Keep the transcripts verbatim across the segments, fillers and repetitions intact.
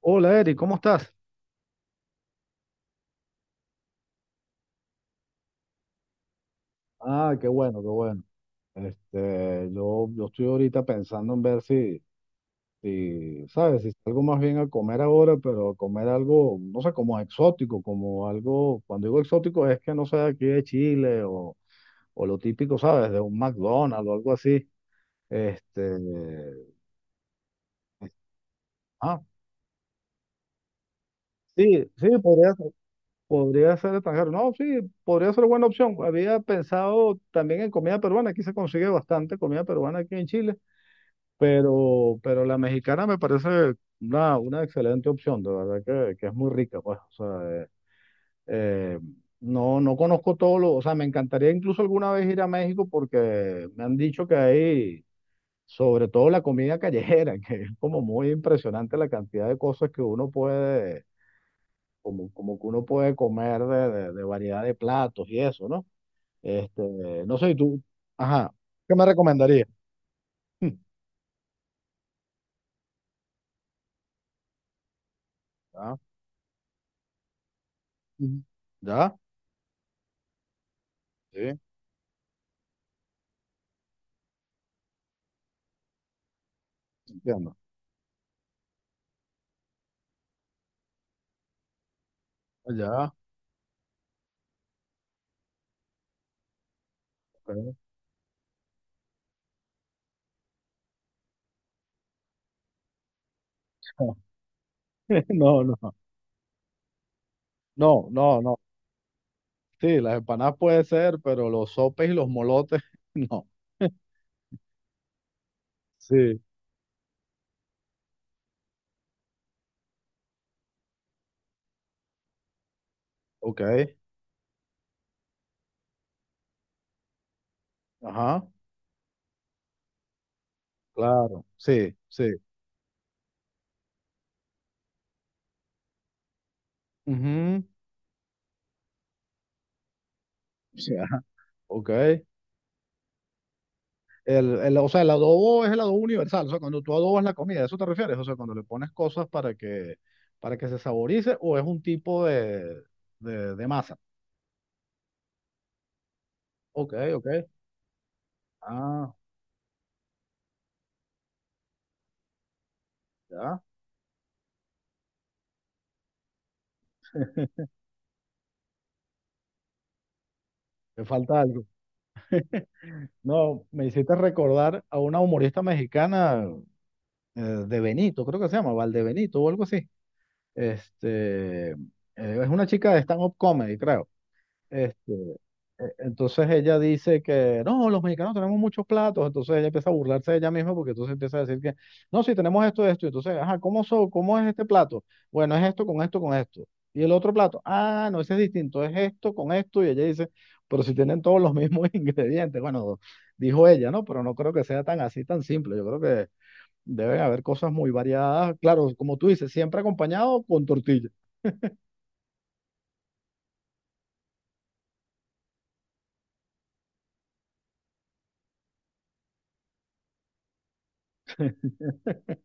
Hola Eric, ¿cómo estás? Ah, qué bueno, qué bueno. Este, yo, yo estoy ahorita pensando en ver si, si, ¿sabes? Si salgo más bien a comer ahora, pero a comer algo, no sé, como exótico, como algo, cuando digo exótico es que no sé, aquí de Chile o, o lo típico, ¿sabes? De un McDonald's o algo así. Este, ah, sí, sí, podría ser, podría ser extranjero. No, sí, podría ser buena opción. Había pensado también en comida peruana, aquí se consigue bastante comida peruana aquí en Chile. Pero, pero la mexicana me parece una, una excelente opción, de verdad que, que es muy rica, pues. O sea, eh, eh, no, no conozco todo lo, o sea, me encantaría incluso alguna vez ir a México porque me han dicho que hay, sobre todo la comida callejera, que es como muy impresionante la cantidad de cosas que uno puede, como, como que uno puede comer de, de, de variedad de platos y eso, ¿no? Este, no sé, ¿y tú? Ajá, ¿qué me recomendarías? ¿Ya? Ujú. ¿Ya? Sí, entiendo. Ya. Ok. No, no, no, no, no. Sí, las empanadas puede ser, pero los sopes y los molotes, no. Sí, ok. Ajá, claro, sí, sí. Ujú, sí, ajá, ok. El, el- o sea, el adobo es el adobo universal. O sea, cuando tú adobas la comida, ¿a eso te refieres? O sea, cuando le pones cosas para que, para que se saborice, o es un tipo de, de, de masa. Ok, ok. Ah, ya. Me falta algo. No, me hiciste recordar a una humorista mexicana, eh, de Benito, creo que se llama Valdebenito o algo así. Este, eh, es una chica de stand-up comedy, creo. Este. E- Entonces ella dice que no, los mexicanos tenemos muchos platos, entonces ella empieza a burlarse de ella misma porque entonces empieza a decir que no, sí, tenemos esto, esto, entonces, ajá, ¿cómo, so- cómo es este plato? Bueno, es esto con esto, con esto. Y el otro plato, ah, no, ese es distinto, es esto con esto, y ella dice, pero si tienen todos los mismos ingredientes, bueno, dijo ella, ¿no? Pero no creo que sea tan así, tan simple, yo creo que deben haber cosas muy variadas, claro, como tú dices, siempre acompañado con tortilla.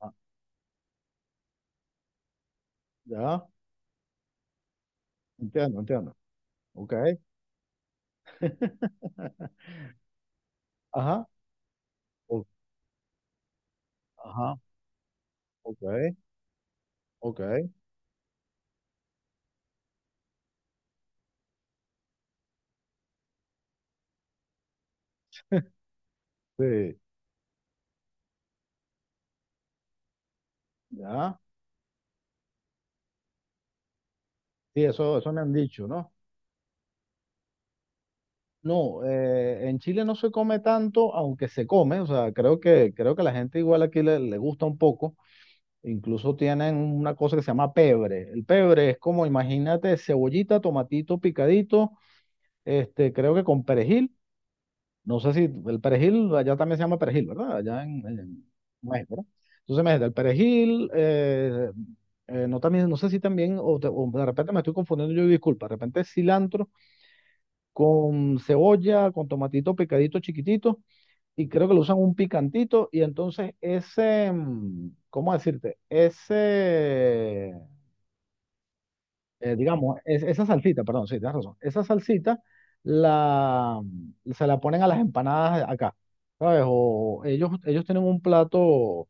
Ah, ya, entiendo, entiendo. Ok. Ajá, o- ajá, ok, ok, sí, ya, sí, eso, eso me han dicho, ¿no? No, eh, en Chile no se come tanto, aunque se come, o sea, creo que, creo que la gente igual aquí le, le gusta un poco, incluso tienen una cosa que se llama pebre, el pebre es como, imagínate, cebollita, tomatito picadito, este, creo que con perejil. No sé si el perejil, allá también se llama perejil, ¿verdad? Allá en, en México, ¿verdad? Entonces, imagínate, el perejil, eh, eh, no, también, no sé si también, o de, o de repente me estoy confundiendo, yo y disculpa, de repente es cilantro con cebolla, con tomatito picadito chiquitito, y creo que lo usan un picantito, y entonces ese, mm, ¿cómo decirte? Ese eh, digamos, es- esa salsita, perdón, sí, tienes razón. Esa salsita la, se la ponen a las empanadas acá, ¿sabes? O ellos, ellos tienen un plato,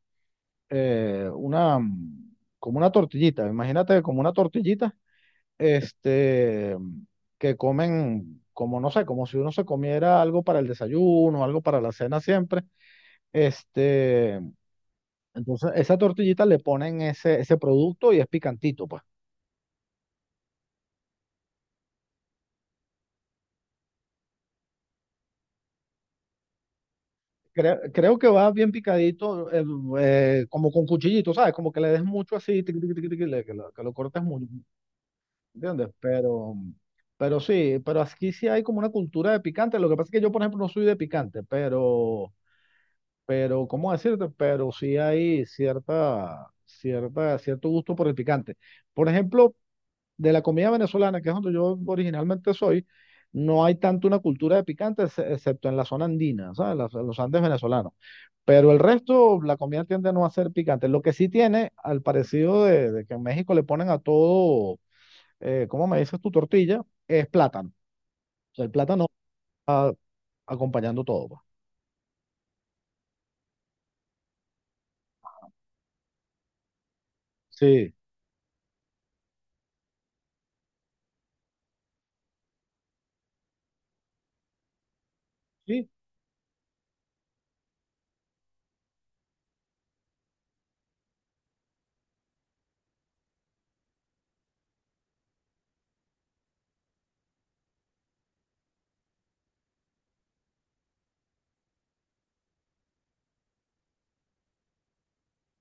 eh, una, mm, como una tortillita, imagínate como una tortillita, este, que comen, como no sé, como si uno se comiera algo para el desayuno, algo para la cena siempre. Este, entonces, esa tortillita le ponen ese, ese producto y es picantito, pues. Creo, creo que va bien picadito, eh, eh, como con cuchillito, ¿sabes? Como que le des mucho así, tiqui, tiqui, tiqui, tiqui, le- que, lo, que lo cortes mucho, ¿entiendes? Pero, pero sí, pero aquí sí hay como una cultura de picante. Lo que pasa es que yo, por ejemplo, no soy de picante, pero, pero, ¿cómo decirte? Pero sí hay cierta, cierta, cierto gusto por el picante. Por ejemplo, de la comida venezolana, que es donde yo originalmente soy, no hay tanto una cultura de picante, ex- excepto en la zona andina, ¿sabes? Las- los Andes venezolanos. Pero el resto, la comida tiende no a ser picante. Lo que sí tiene, al parecido de, de que en México le ponen a todo, eh, ¿cómo me dices tu tortilla? Es plátano. O sea, el plátano va acompañando todo, pues. Sí, sí,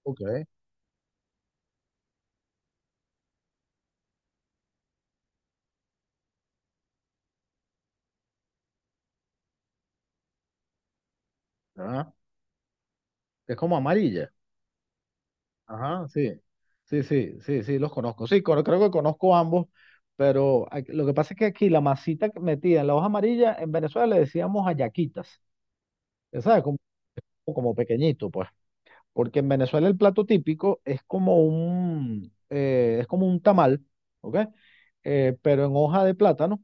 ok. Ah, es como amarilla. Ajá, sí. Sí, sí, sí, sí, los conozco. Sí, cono- creo que conozco ambos, pero aquí- lo que pasa es que aquí la masita que metida en la hoja amarilla, en Venezuela le decíamos ayaquitas. ¿Sabes? Como, como pequeñito, pues. Porque en Venezuela el plato típico es como un, eh, es como un tamal, ¿ok? Eh, pero en hoja de plátano,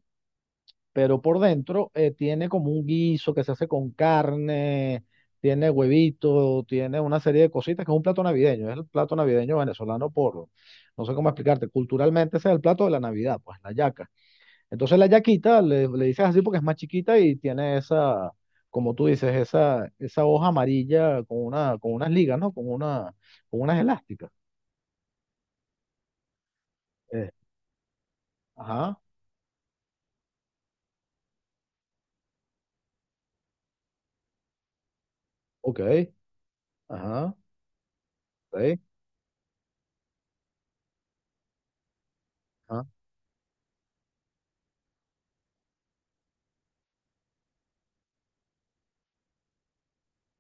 pero por dentro eh, tiene como un guiso que se hace con carne, tiene huevito, tiene una serie de cositas, que es un plato navideño, es el plato navideño venezolano por, no sé cómo explicarte, culturalmente ese es el plato de la Navidad, pues la yaca. Entonces la yaquita le, le dices así porque es más chiquita y tiene esa, como tú dices, esa, esa hoja amarilla con una, con unas ligas, ¿no? Con una, con unas elásticas. Eh, ajá, ok, ajá, ok, ajá.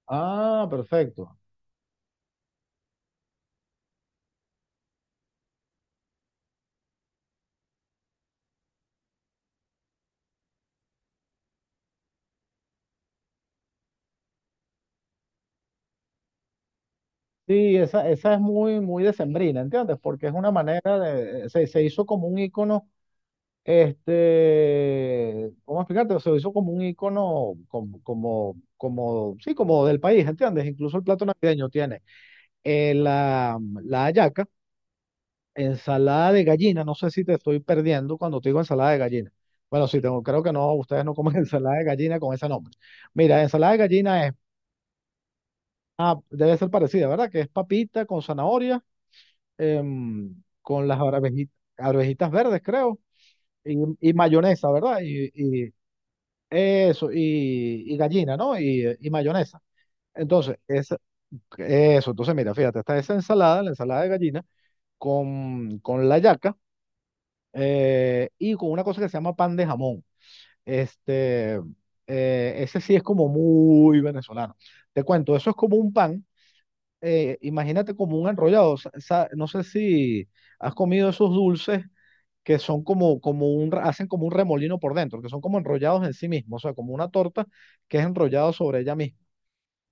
Ah, perfecto. Sí, esa, esa es muy, muy decembrina, ¿entiendes? Porque es una manera de, se, se hizo como un icono, este, ¿cómo explicarte? Se hizo como un icono, como, como, como, sí, como del país, ¿entiendes? Incluso el plato navideño tiene. eh, la, la hallaca, ensalada de gallina, no sé si te estoy perdiendo cuando te digo ensalada de gallina. Bueno, sí, tengo, creo que no, ustedes no comen ensalada de gallina con ese nombre. Mira, ensalada de gallina es, debe ser parecida, ¿verdad? Que es papita con zanahoria, em, con las arvejitas, arvejitas verdes, creo, y, y mayonesa, ¿verdad? Y, y eso, y, y gallina, ¿no? Y, y mayonesa. Entonces, esa- eso, entonces mira, fíjate, está esa ensalada, la ensalada de gallina, con, con la yaca, eh, y con una cosa que se llama pan de jamón. Este, eh, ese sí es como muy venezolano. Te cuento, eso es como un pan, eh, imagínate como un enrollado. sa- sa- No sé si has comido esos dulces que son como, como un, re- hacen como un remolino por dentro, que son como enrollados en sí mismos, o sea, como una torta que es enrollado sobre ella misma.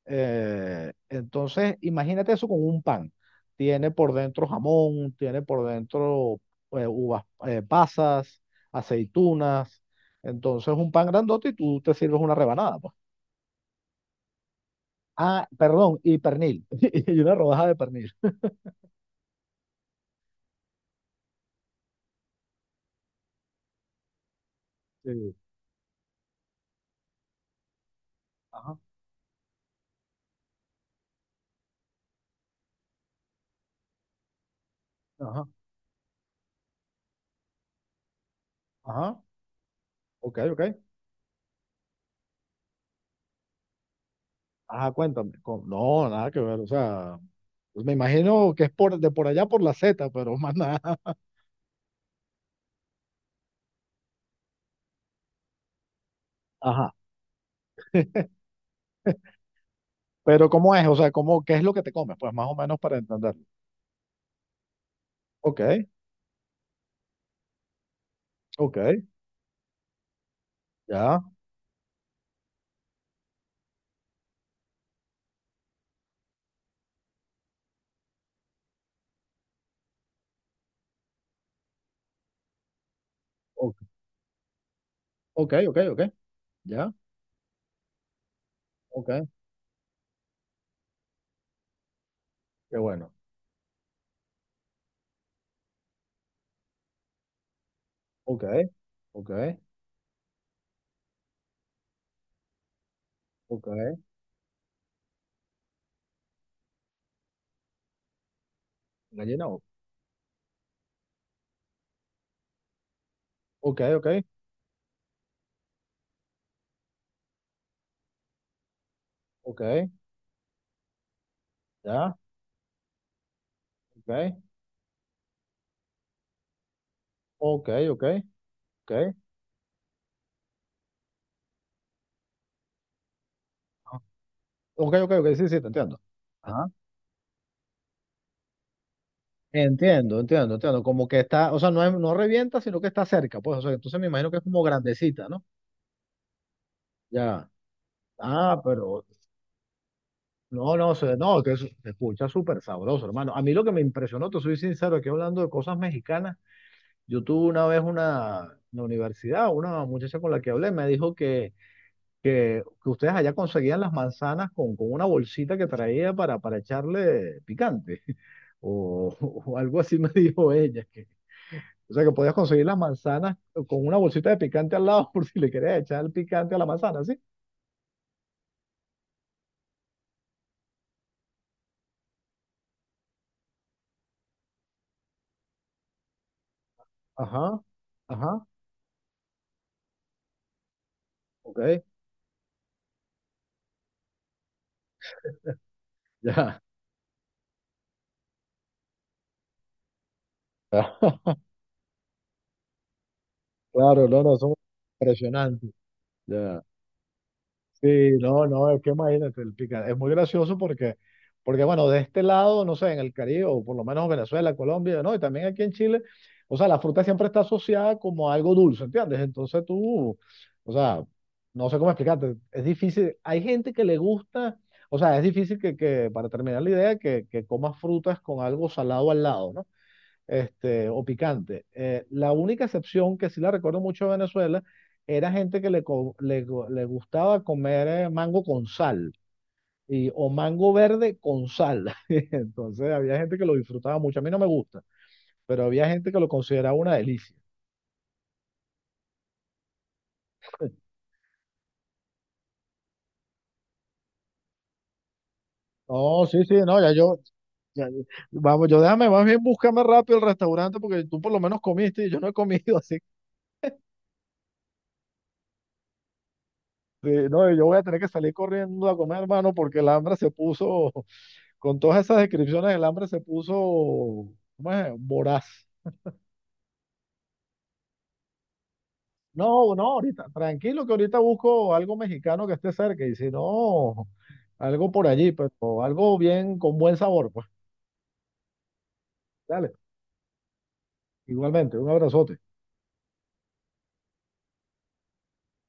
Eh, entonces, imagínate eso con un pan. Tiene por dentro jamón, tiene por dentro eh, uvas, eh, pasas, aceitunas. Entonces, un pan grandote y tú te sirves una rebanada, pues. Ah, perdón, y pernil. Y una rodaja de pernil. Sí. Ajá, ajá, ajá. Ok, ok. Ajá, cuéntame. Con- No, nada que ver. O sea, pues me imagino que es por, de por allá por la Z, pero más nada. Ajá. Pero, ¿cómo es? O sea, ¿cómo, qué es lo que te comes? Pues más o menos para entender. Ok. Ok, ya. o- Ok, ok, ok, ya. Ok, qué bueno. Ok, ok, ok. Gallina, o- ok, ok, ok, ya. Ok, ok, ok, ok. Ah, ok, ok, ok, sí, sí, te entiendo. Ajá. Entiendo, entiendo, entiendo. Como que está, o sea, no, es- no revienta, sino que está cerca, pues. O sea, entonces me imagino que es como grandecita, ¿no? Ya. Ah, pero no, no, se, no, que es- se escucha súper sabroso, hermano. A mí lo que me impresionó, te soy sincero, aquí hablando de cosas mexicanas. Yo tuve una vez una, en la universidad, una muchacha con la que hablé, me dijo que, que, que, ustedes allá conseguían las manzanas con, con, una bolsita que traía para, para echarle picante, o, o algo así me dijo ella, que, o sea, que podías conseguir las manzanas con una bolsita de picante al lado por si le querías echar el picante a la manzana, ¿sí? Ajá, ajá, ok, ya. Claro, no, no, son impresionantes. Ya. Sí, no, no, es que imagínate, el pica, es muy gracioso porque, porque bueno, de este lado, no sé, en el Caribe, o por lo menos Venezuela, Colombia, ¿no? Y también aquí en Chile, o sea, la fruta siempre está asociada como a algo dulce, ¿entiendes? Entonces tú, o sea, no sé cómo explicarte, es difícil, hay gente que le gusta, o sea, es difícil que, que para terminar la idea, que, que comas frutas con algo salado al lado, ¿no? Este, o picante. Eh, la única excepción que sí la recuerdo mucho de Venezuela era gente que le, co- le, go- le gustaba comer eh, mango con sal y, o mango verde con sal. Entonces había gente que lo disfrutaba mucho. A mí no me gusta, pero había gente que lo consideraba una delicia. No, sí, sí, no, ya yo, ya- vamos, yo déjame más bien búscame rápido el restaurante porque tú por lo menos comiste y yo no he comido, así que sí, no, yo voy a tener que salir corriendo a comer, hermano, porque el hambre se puso. Con todas esas descripciones, el hambre se puso, ¿cómo es? Voraz. No, no, ahorita, tranquilo que ahorita busco algo mexicano que esté cerca y si no, algo por allí, pero algo bien con buen sabor, pues. Dale, igualmente, un abrazote.